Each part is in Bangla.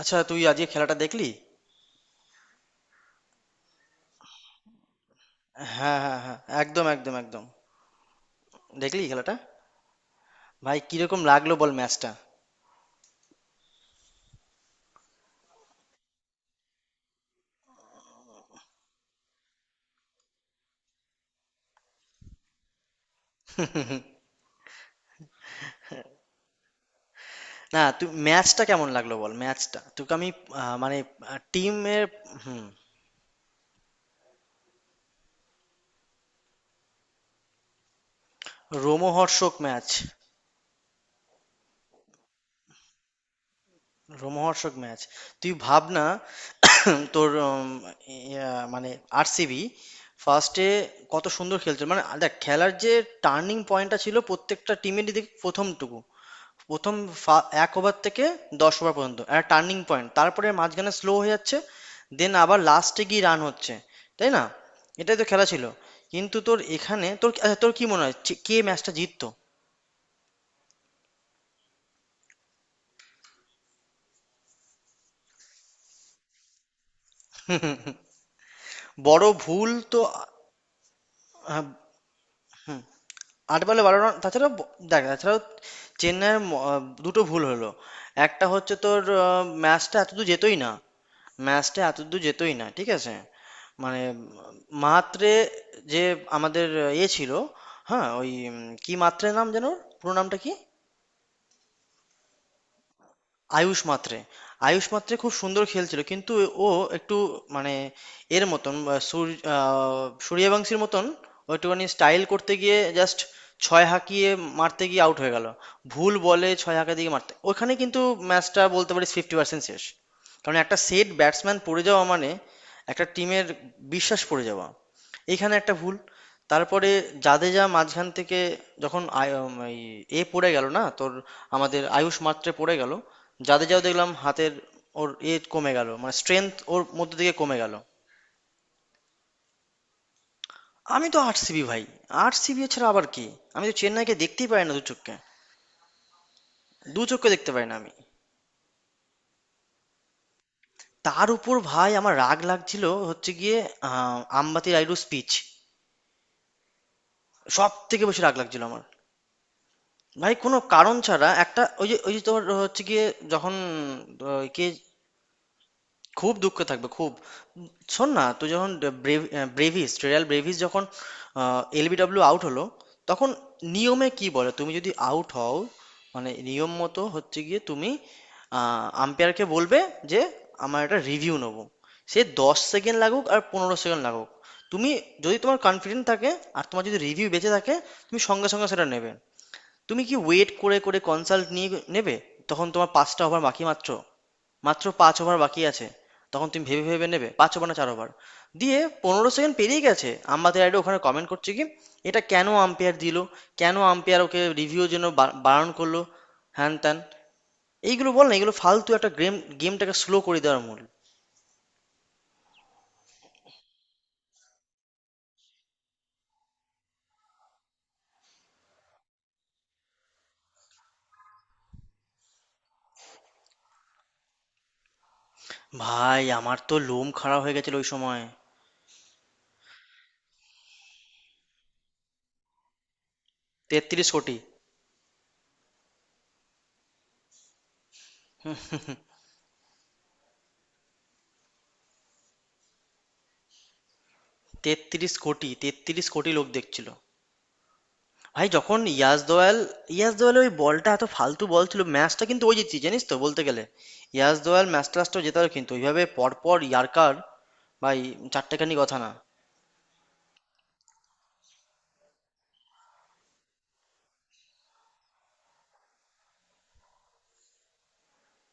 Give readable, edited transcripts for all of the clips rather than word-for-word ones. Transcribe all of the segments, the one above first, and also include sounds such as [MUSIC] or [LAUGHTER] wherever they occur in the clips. আচ্ছা, তুই আজকে খেলাটা দেখলি? হ্যাঁ হ্যাঁ হ্যাঁ, একদম একদম একদম। দেখলি খেলাটা? ভাই কিরকম লাগলো বল ম্যাচটা? না তুই ম্যাচটা কেমন লাগলো বল, ম্যাচটা তোকে আমি মানে টিমের। হুম। রোমহর্ষক ম্যাচ। রোমহর্ষক ম্যাচ। তুই ভাব না। [COUGHS] তোর মানে আরসিবি ফার্স্টে কত সুন্দর খেলছিল, মানে দেখ খেলার যে টার্নিং পয়েন্টটা ছিল প্রত্যেকটা টিমেরই, দেখ প্রথমটুকু, প্রথম এক ওভার থেকে 10 ওভার পর্যন্ত একটা টার্নিং পয়েন্ট, তারপরে মাঝখানে স্লো হয়ে যাচ্ছে, দেন আবার লাস্টে গিয়ে রান হচ্ছে। তাই না? এটাই তো খেলা ছিল। কিন্তু তোর এখানে তোর, আচ্ছা, তোর কি মনে হয় যে- কে ম্যাচটা জিততো? [LAUGHS] বড় ভুল তো হ্যাঁ। হুম। 8 বলে 12 রান, তাছাড়াও দেখ তাছাড়াও চেন্নাইয়ের দুটো ভুল হলো। একটা হচ্ছে তোর, ম্যাচটা এতদূর যেতোই না, ম্যাচটা এতদূর যেতোই না, ঠিক আছে? মানে মাত্রে, যে আমাদের এ ছিল, হ্যাঁ ওই কি মাত্রে নাম যেন ওর? পুরো নামটা কি? আয়ুশ মাত্রে। আয়ুষ মাত্রে খুব সুন্দর খেলছিল, কিন্তু ও একটু মানে এর মতন সূর্যবংশীর মতন, ও একটুখানি স্টাইল করতে গিয়ে জাস্ট ছয় হাঁকিয়ে মারতে গিয়ে আউট হয়ে গেল। ভুল বলে ছয় হাঁকা দিয়ে মারতে ওখানে কিন্তু ম্যাচটা বলতে পারিস 50% শেষ। কারণ একটা সেট ব্যাটসম্যান পড়ে যাওয়া মানে একটা টিমের বিশ্বাস পড়ে যাওয়া, এখানে একটা ভুল। তারপরে জাদেজা মাঝখান থেকে, যখন এ পড়ে গেল না তোর, আমাদের আয়ুষ মাত্রে পড়ে গেল, জাদেজাও দেখলাম হাতের ওর এ কমে গেল, মানে স্ট্রেংথ ওর মধ্যে থেকে কমে গেল। আমি তো আরসিবি ভাই, আরসিবি ছাড়া আবার কি? আমি তো চেন্নাইকে দেখতেই পাই না, দু চোখকে দু চোখকে দেখতে পাই না আমি। তার উপর ভাই আমার রাগ লাগছিল হচ্ছে গিয়ে আম্বাতি রাইডু স্পিচ, সব থেকে বেশি রাগ লাগছিল আমার ভাই। কোনো কারণ ছাড়া একটা, ওই যে ওই যে তোর হচ্ছে গিয়ে যখন আহ, কে, খুব দুঃখ থাকবে খুব। উম, শোন না তুই যখন ব্রেভিস, রেয়াল ব্রেভিস যখন এলবিডব্লিউ আউট হলো, তখন নিয়মে কি বলে? তুমি যদি আউট হও মানে নিয়ম মতো হচ্ছে গিয়ে তুমি আম্পায়ারকে বলবে যে আমার একটা রিভিউ নেবো, সে 10 সেকেন্ড লাগুক আর 15 সেকেন্ড লাগুক, তুমি যদি তোমার কনফিডেন্ট থাকে আর তোমার যদি রিভিউ বেঁচে থাকে, তুমি সঙ্গে সঙ্গে সেটা নেবে। তুমি কি ওয়েট করে করে কনসাল্ট নিয়ে নেবে? তখন তোমার 5টা ওভার বাকি মাত্র, মাত্র 5 ওভার বাকি আছে, তখন তুমি ভেবে ভেবে নেবে 5 ওভার না 4 ওভার। দিয়ে 15 সেকেন্ড পেরিয়ে গেছে, আমাদের অ্যাডে ওখানে কমেন্ট করছে কি এটা কেন আম্পায়ার দিল, কেন আম্পায়ার ওকে রিভিউর জন্য বারণ করলো, হ্যান ত্যান এইগুলো বল না, এগুলো ফালতু, একটা গেম গেমটাকে স্লো করে দেওয়ার মূল। ভাই আমার তো লোম খারাপ হয়ে গেছিল ওই সময়। 33 কোটি, 33 কোটি, 33 কোটি লোক দেখছিল ভাই। যখন ইয়াস দোয়াল, ইয়াস দোয়ালের ওই বলটা এত ফালতু বল ছিল, ম্যাচটা কিন্তু ওই জিতছি জানিস তো বলতে গেলে। ইয়াস দোয়াল ম্যাচ টাচটাও জেতালো, কিন্তু ওইভাবে পরপর ইয়ার্কার, ভাই চারটেখানি কথা না!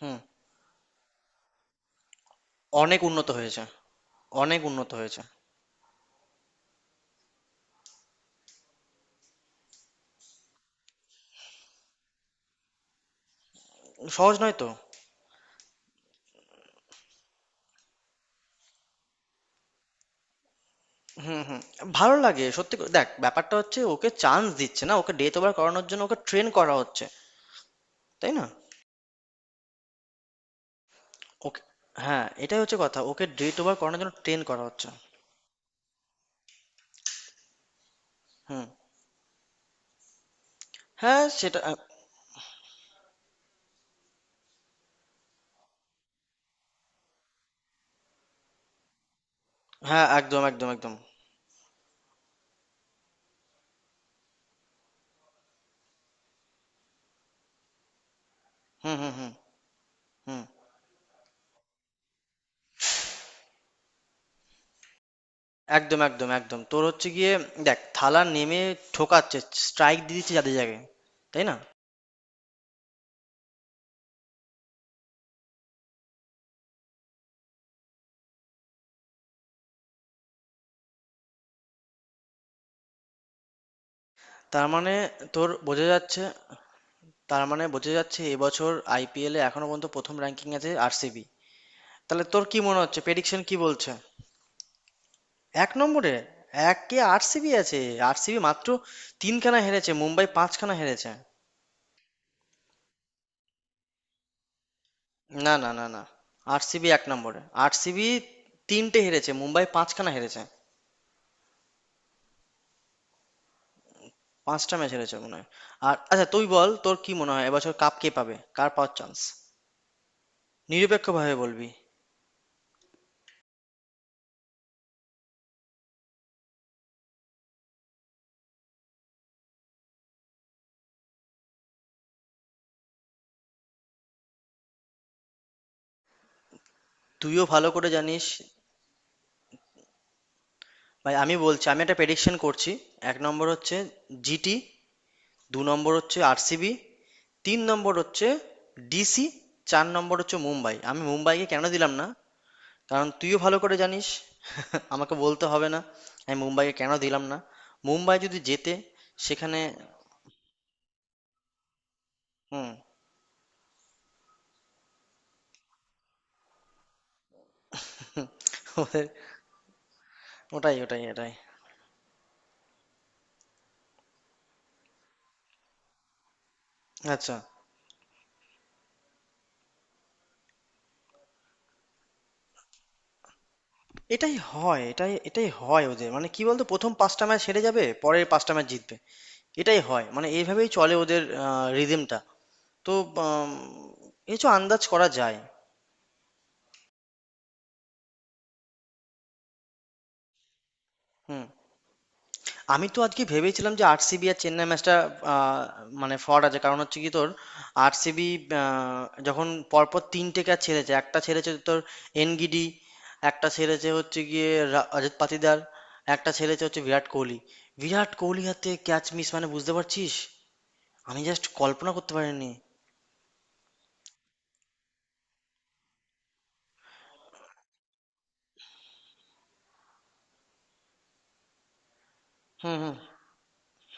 হুম। অনেক উন্নত হয়েছে, অনেক উন্নত হয়েছে। সহজ নয় তো। হুম হুম। ভালো লাগে সত্যি দেখ ব্যাপারটা হচ্ছে ওকে চান্স দিচ্ছে না, ওকে ডেট ওভার করানোর জন্য ওকে ট্রেন করা হচ্ছে। তাই না? ওকে, হ্যাঁ এটাই হচ্ছে কথা, ওকে ডেট ওভার করানোর জন্য ট্রেন করা হচ্ছে। হুম। হ্যাঁ সেটা। হ্যাঁ একদম একদম একদম। হুম হুম হুম। হুম। একদম, একদম, একদম। তোর হচ্ছে গিয়ে দেখ থালা নেমে ঠোকাচ্ছে, স্ট্রাইক দিয়ে দিচ্ছে যাদের জায়গায়, তাই না? তার মানে তোর বোঝা যাচ্ছে, তার মানে বোঝা যাচ্ছে এবছর আইপিএলে এখনো পর্যন্ত প্রথম র্যাঙ্কিং আছে আরসিবি। তাহলে তোর কি মনে হচ্ছে, প্রেডিকশন কি বলছে? এক নম্বরে, একে আরসিবি আছে। আরসিবি মাত্র তিনখানা হেরেছে, মুম্বাই পাঁচখানা হেরেছে। না না না না, আরসিবি এক নম্বরে। আরসিবি তিনটে হেরেছে, মুম্বাই পাঁচখানা হেরেছে, পাঁচটা ম্যাচ হেরেছে মনে হয়। আর আচ্ছা তুই বল, তোর কি মনে হয় এবছর কাপ কে পাবে, কার পাওয়ার চান্স? নিরপেক্ষভাবে বলবি। তুইও ভালো করে জানিস। ভাই আমি বলছি, আমি একটা প্রেডিকশন করছি। এক নম্বর হচ্ছে জিটি, দু নম্বর হচ্ছে আরসিবি, তিন নম্বর হচ্ছে ডিসি, চার নম্বর হচ্ছে মুম্বাই। আমি মুম্বাইকে কেন দিলাম না কারণ তুইও ভালো করে জানিস। [LAUGHS] আমাকে বলতে হবে না আমি মুম্বাইকে কেন দিলাম না। মুম্বাই যদি জেতে সেখানে। হুম। ওদের ওটাই ওটাই এটাই। আচ্ছা। এটাই হয়, এটাই এটাই হয় ওদের, মানে কি বলতো, প্রথম পাঁচটা ম্যাচ হেরে যাবে পরের পাঁচটা ম্যাচ জিতবে, এটাই হয়, মানে এইভাবেই চলে ওদের রিদমটা, তো উম, কিছু আন্দাজ করা যায়। হুম। আমি তো আজকে ভেবেছিলাম যে আরসিবি আর চেন্নাই ম্যাচটা, মানে ফ্রড আছে, কারণ হচ্ছে কি তোর আরসিবি যখন পরপর তিনটে ক্যাচ ছেড়েছে, একটা ছেড়েছে তোর এনগিডি, একটা ছেড়েছে হচ্ছে গিয়ে রজত পাতিদার, একটা ছেড়েছে হচ্ছে বিরাট কোহলি। বিরাট কোহলি হাতে ক্যাচ মিস, মানে বুঝতে পারছিস, আমি জাস্ট কল্পনা করতে পারিনি। হুম হুম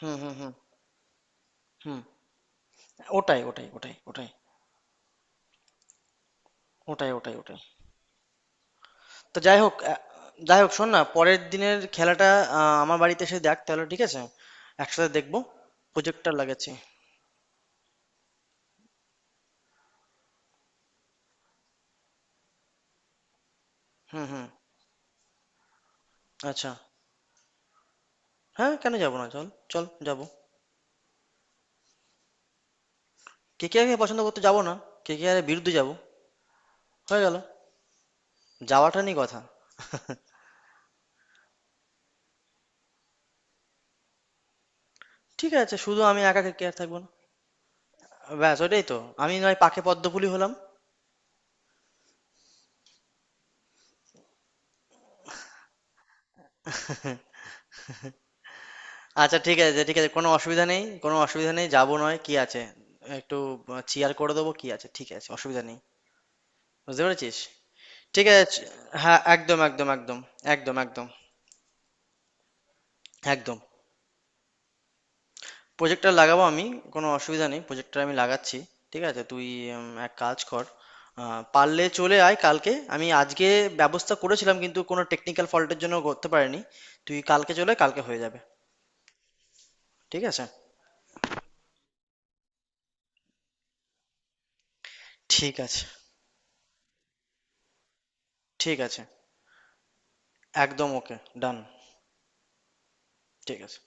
হুম। হুম হুম হুম। ওটাই ওটাই ওটাই ওটাই। ওটাই ওটাই ওটাই। তো যাই হোক, যাই হোক শোন না পরের দিনের খেলাটা, আমার বাড়িতে এসে দেখ তাহলে, ঠিক আছে? একসাথে দেখবো, প্রজেক্টটা লাগাচ্ছি। হুম হুম। আচ্ছা। হ্যাঁ কেন যাবো না, চল। চল যাবো। কে কে আরকে পছন্দ করতে যাবো না, কে কে আর বিরুদ্ধে যাবো, হয়ে গেল, যাওয়াটা নিয়ে কথা। [LAUGHS] ঠিক আছে, শুধু আমি একা কে কে আর থাকবো না। ব্যাস ওটাই তো, আমি নয় পাখে পদ্মফুলি হলাম। [LAUGHS] আচ্ছা ঠিক আছে, ঠিক আছে, কোনো অসুবিধা নেই, কোনো অসুবিধা নেই, যাবো, নয় কি আছে? একটু চিয়ার করে দেবো, কি আছে, ঠিক আছে, অসুবিধা নেই, বুঝতে পেরেছিস? ঠিক আছে হ্যাঁ একদম একদম একদম। একদম একদম একদম। প্রজেক্টর লাগাবো আমি, কোনো অসুবিধা নেই, প্রজেক্টর আমি লাগাচ্ছি। ঠিক আছে তুই, এক কাজ কর, পারলে চলে আয় কালকে, আমি আজকে ব্যবস্থা করেছিলাম কিন্তু কোনো টেকনিক্যাল ফল্টের জন্য করতে পারিনি। তুই কালকে চলে আয়, কালকে হয়ে যাবে। ঠিক আছে। ঠিক আছে। ঠিক আছে। একদম ওকে। ডান। ঠিক আছে।